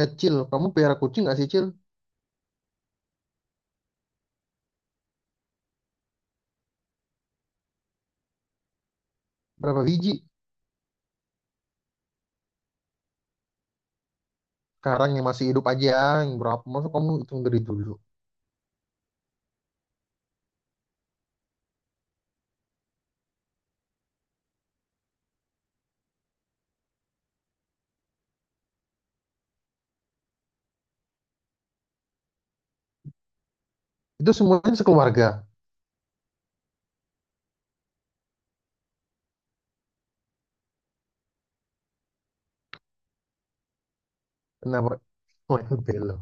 Eh, Cil, kamu pelihara kucing nggak sih, Cil? Berapa biji? Sekarang yang masih hidup aja, yang berapa? Masa kamu hitung dari dulu? Itu semuanya sekeluarga. Kenapa? Oh, itu belo.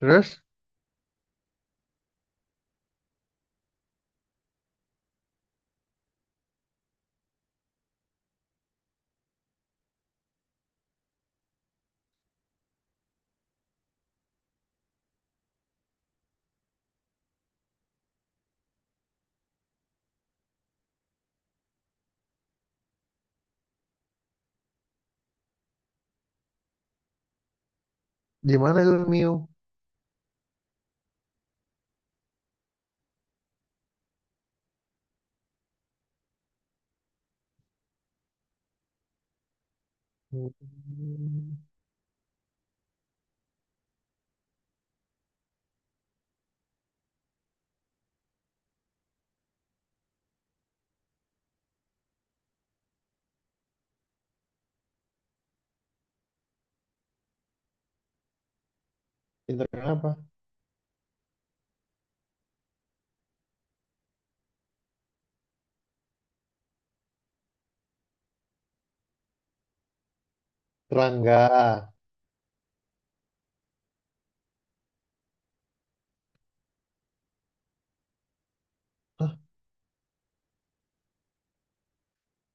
Terus, gimana itu, Mio? Hmm. Pinter kenapa? Serangga. Hah,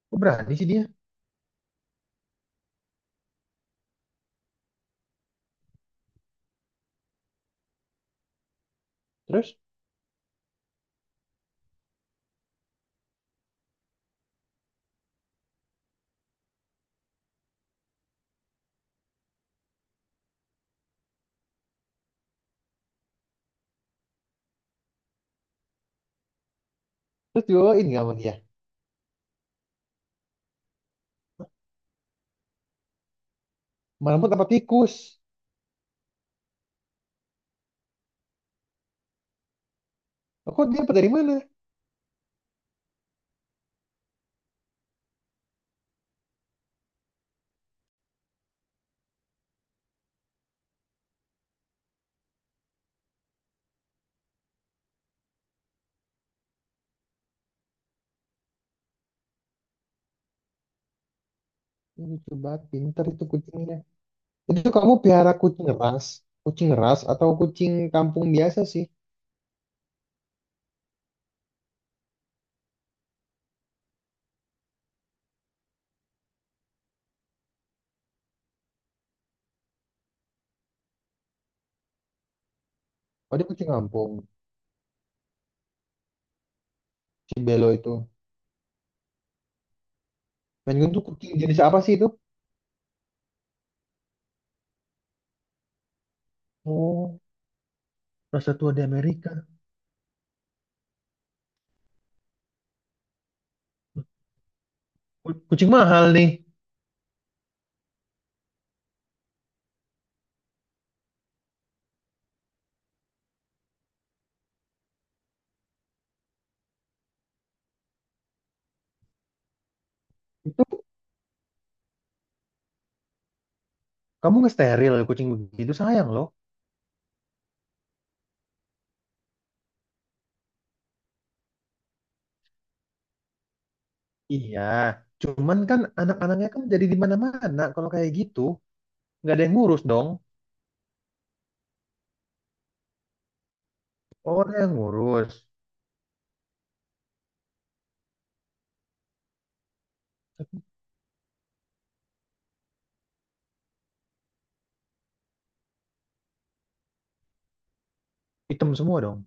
kok berani sih dia? Terus? Terus dibawain nggak sama dia? Malamut apa tikus? Loh, kok dia dapat dari mana? Lucu banget, pinter itu kucingnya. Itu kamu piara kucing ras? Kucing ras atau kucing kampung biasa sih? Oh, dia kucing kampung. Si Belo itu. Maine Coon tuh kucing jenis apa sih itu? Oh, rasa tua di Amerika. Kucing mahal nih. Itu kamu ngesteril kucing begitu sayang loh. Iya, cuman kan anak-anaknya kan jadi di mana-mana kalau kayak gitu. Nggak ada yang ngurus dong. Oh, ada yang ngurus. Tapi hitam semua dong.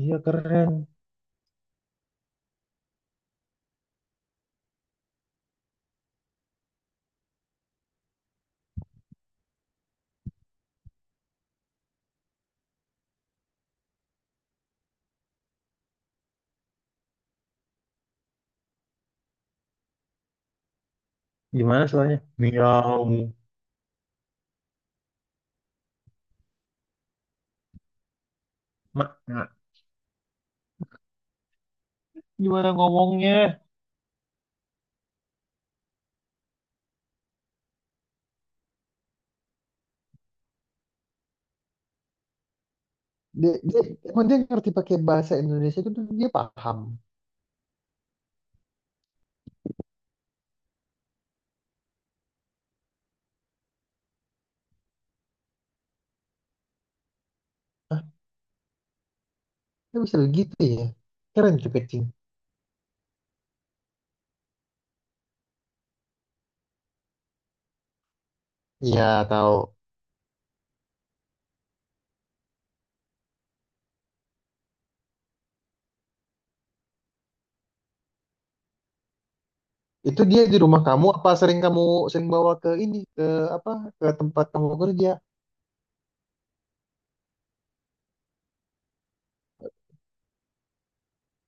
Iya, keren. Gimana soalnya? Miau. Mak, mak. Gimana ngomongnya? Dia, dia, Emang dia ngerti pakai bahasa Indonesia itu tuh dia paham. Dia bisa begitu ya. Keren tuh kucing. Iya, tahu. Itu dia di rumah kamu apa sering kamu sering bawa ke ini ke apa ke tempat kamu kerja?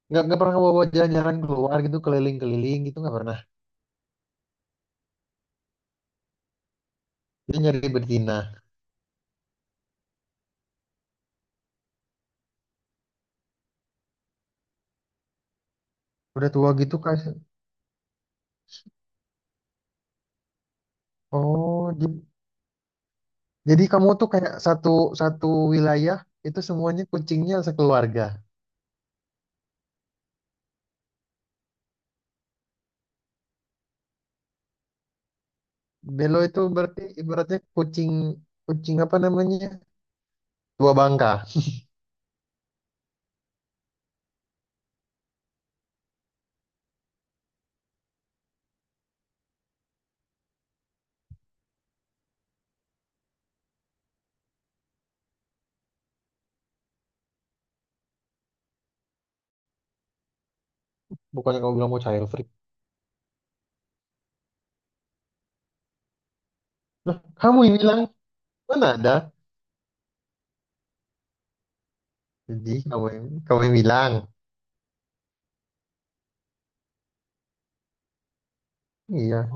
Nggak pernah kamu bawa jalan-jalan keluar gitu keliling-keliling gitu nggak pernah. Dia nyari betina. Udah tua gitu kayak oh j- jadi kamu tuh kayak satu satu wilayah itu semuanya kucingnya sekeluarga. Belo itu berarti ibaratnya kucing kucing apa namanya? Dua bangka. Bukannya kamu bilang mau child free. Lah, kamu yang bilang, mana ada? Jadi kamu yang bilang. Iya.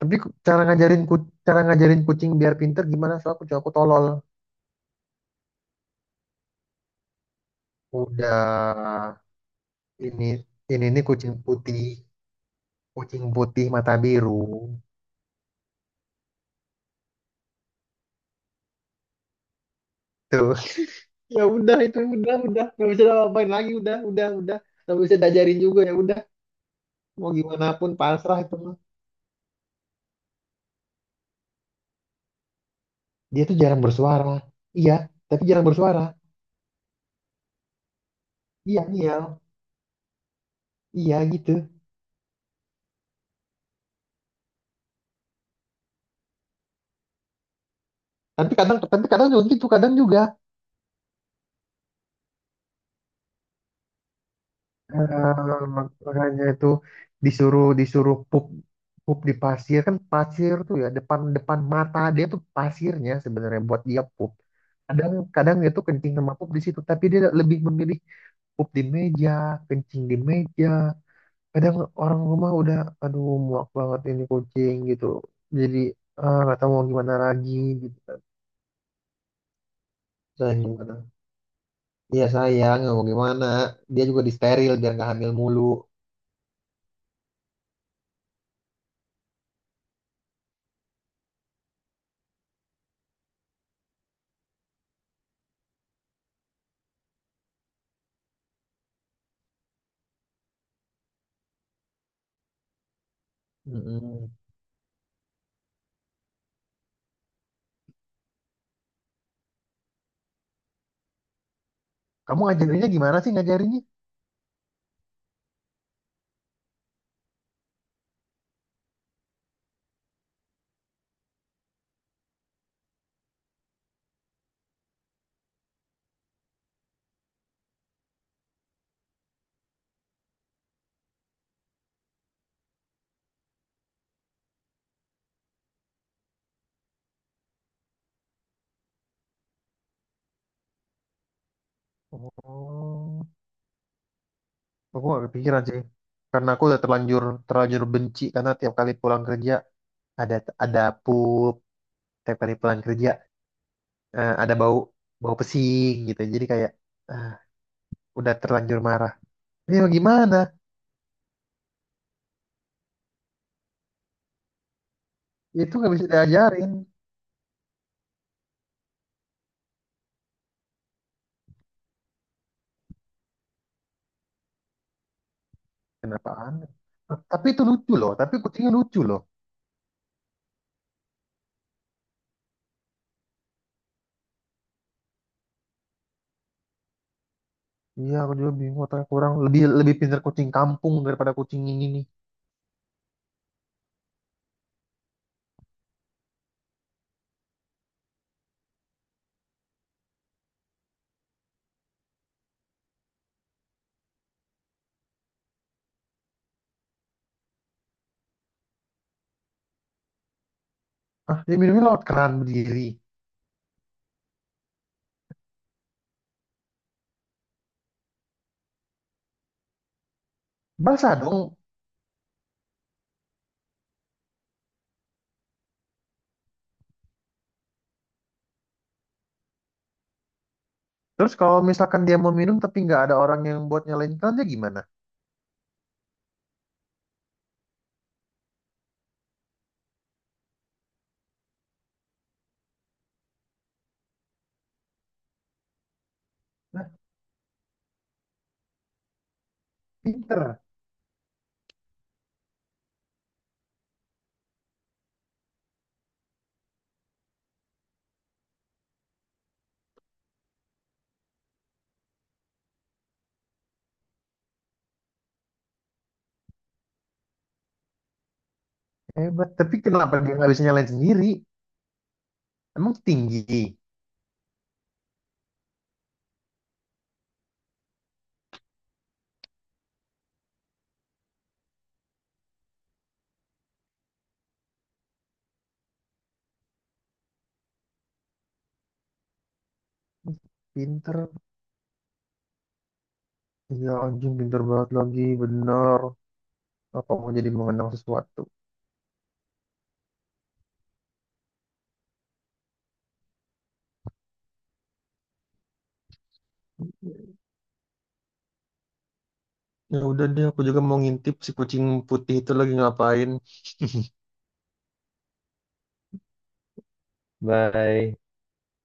Tapi cara ngajarin ku, cara ngajarin kucing biar pinter gimana? Soalnya kucing aku tolol. Udah, ini ini kucing putih mata biru. Tuh. Ya udah itu udah nggak bisa ngapain lagi, udah nggak bisa diajarin juga ya udah, mau gimana pun pasrah itu mah. Dia tuh jarang bersuara. Iya, tapi jarang bersuara. Iya, iya. Iya gitu. Tapi kadang, tapi kadang juga gitu, kadang juga. Eh, Makanya itu, disuruh disuruh pup, pup di pasir, kan pasir tuh ya depan depan mata dia tuh pasirnya sebenarnya buat dia pup, kadang kadang dia tuh kencing sama pup di situ, tapi dia lebih memilih pup di meja, kencing di meja. Kadang orang rumah udah, aduh muak banget ini kucing gitu, jadi ah nggak tahu mau gimana lagi gitu kan, saya gimana, iya sayang nggak mau gimana, dia juga disteril biar nggak hamil mulu. Mm-mm. Kamu ngajarinnya gimana sih ngajarinnya? Oh, aku gak kepikiran sih. Karena aku udah terlanjur, terlanjur benci karena tiap kali pulang kerja ada ada pup, tiap kali pulang kerja eh, ada bau, bau pesing gitu. Jadi kayak ah, udah terlanjur marah. Ini mau gimana? Itu nggak bisa diajarin. Kenapa aneh? Nah, tapi itu lucu loh. Tapi kucingnya lucu loh. Iya, aku juga bingung. Otaknya kurang, lebih lebih pintar kucing kampung daripada kucing ini nih. Ah, dia minumnya lewat keran berdiri. Basah dong. Terus kalau misalkan dia mau minum tapi nggak ada orang yang buat nyalain kan dia gimana? Nah, pinter, hebat. Tapi kenapa dia nggak bisa nyalain sendiri? Emang tinggi. Pinter. Iya anjing pinter banget lagi, bener. Apa mau jadi mengenang sesuatu? Ya udah deh, aku juga mau ngintip si kucing putih itu lagi ngapain.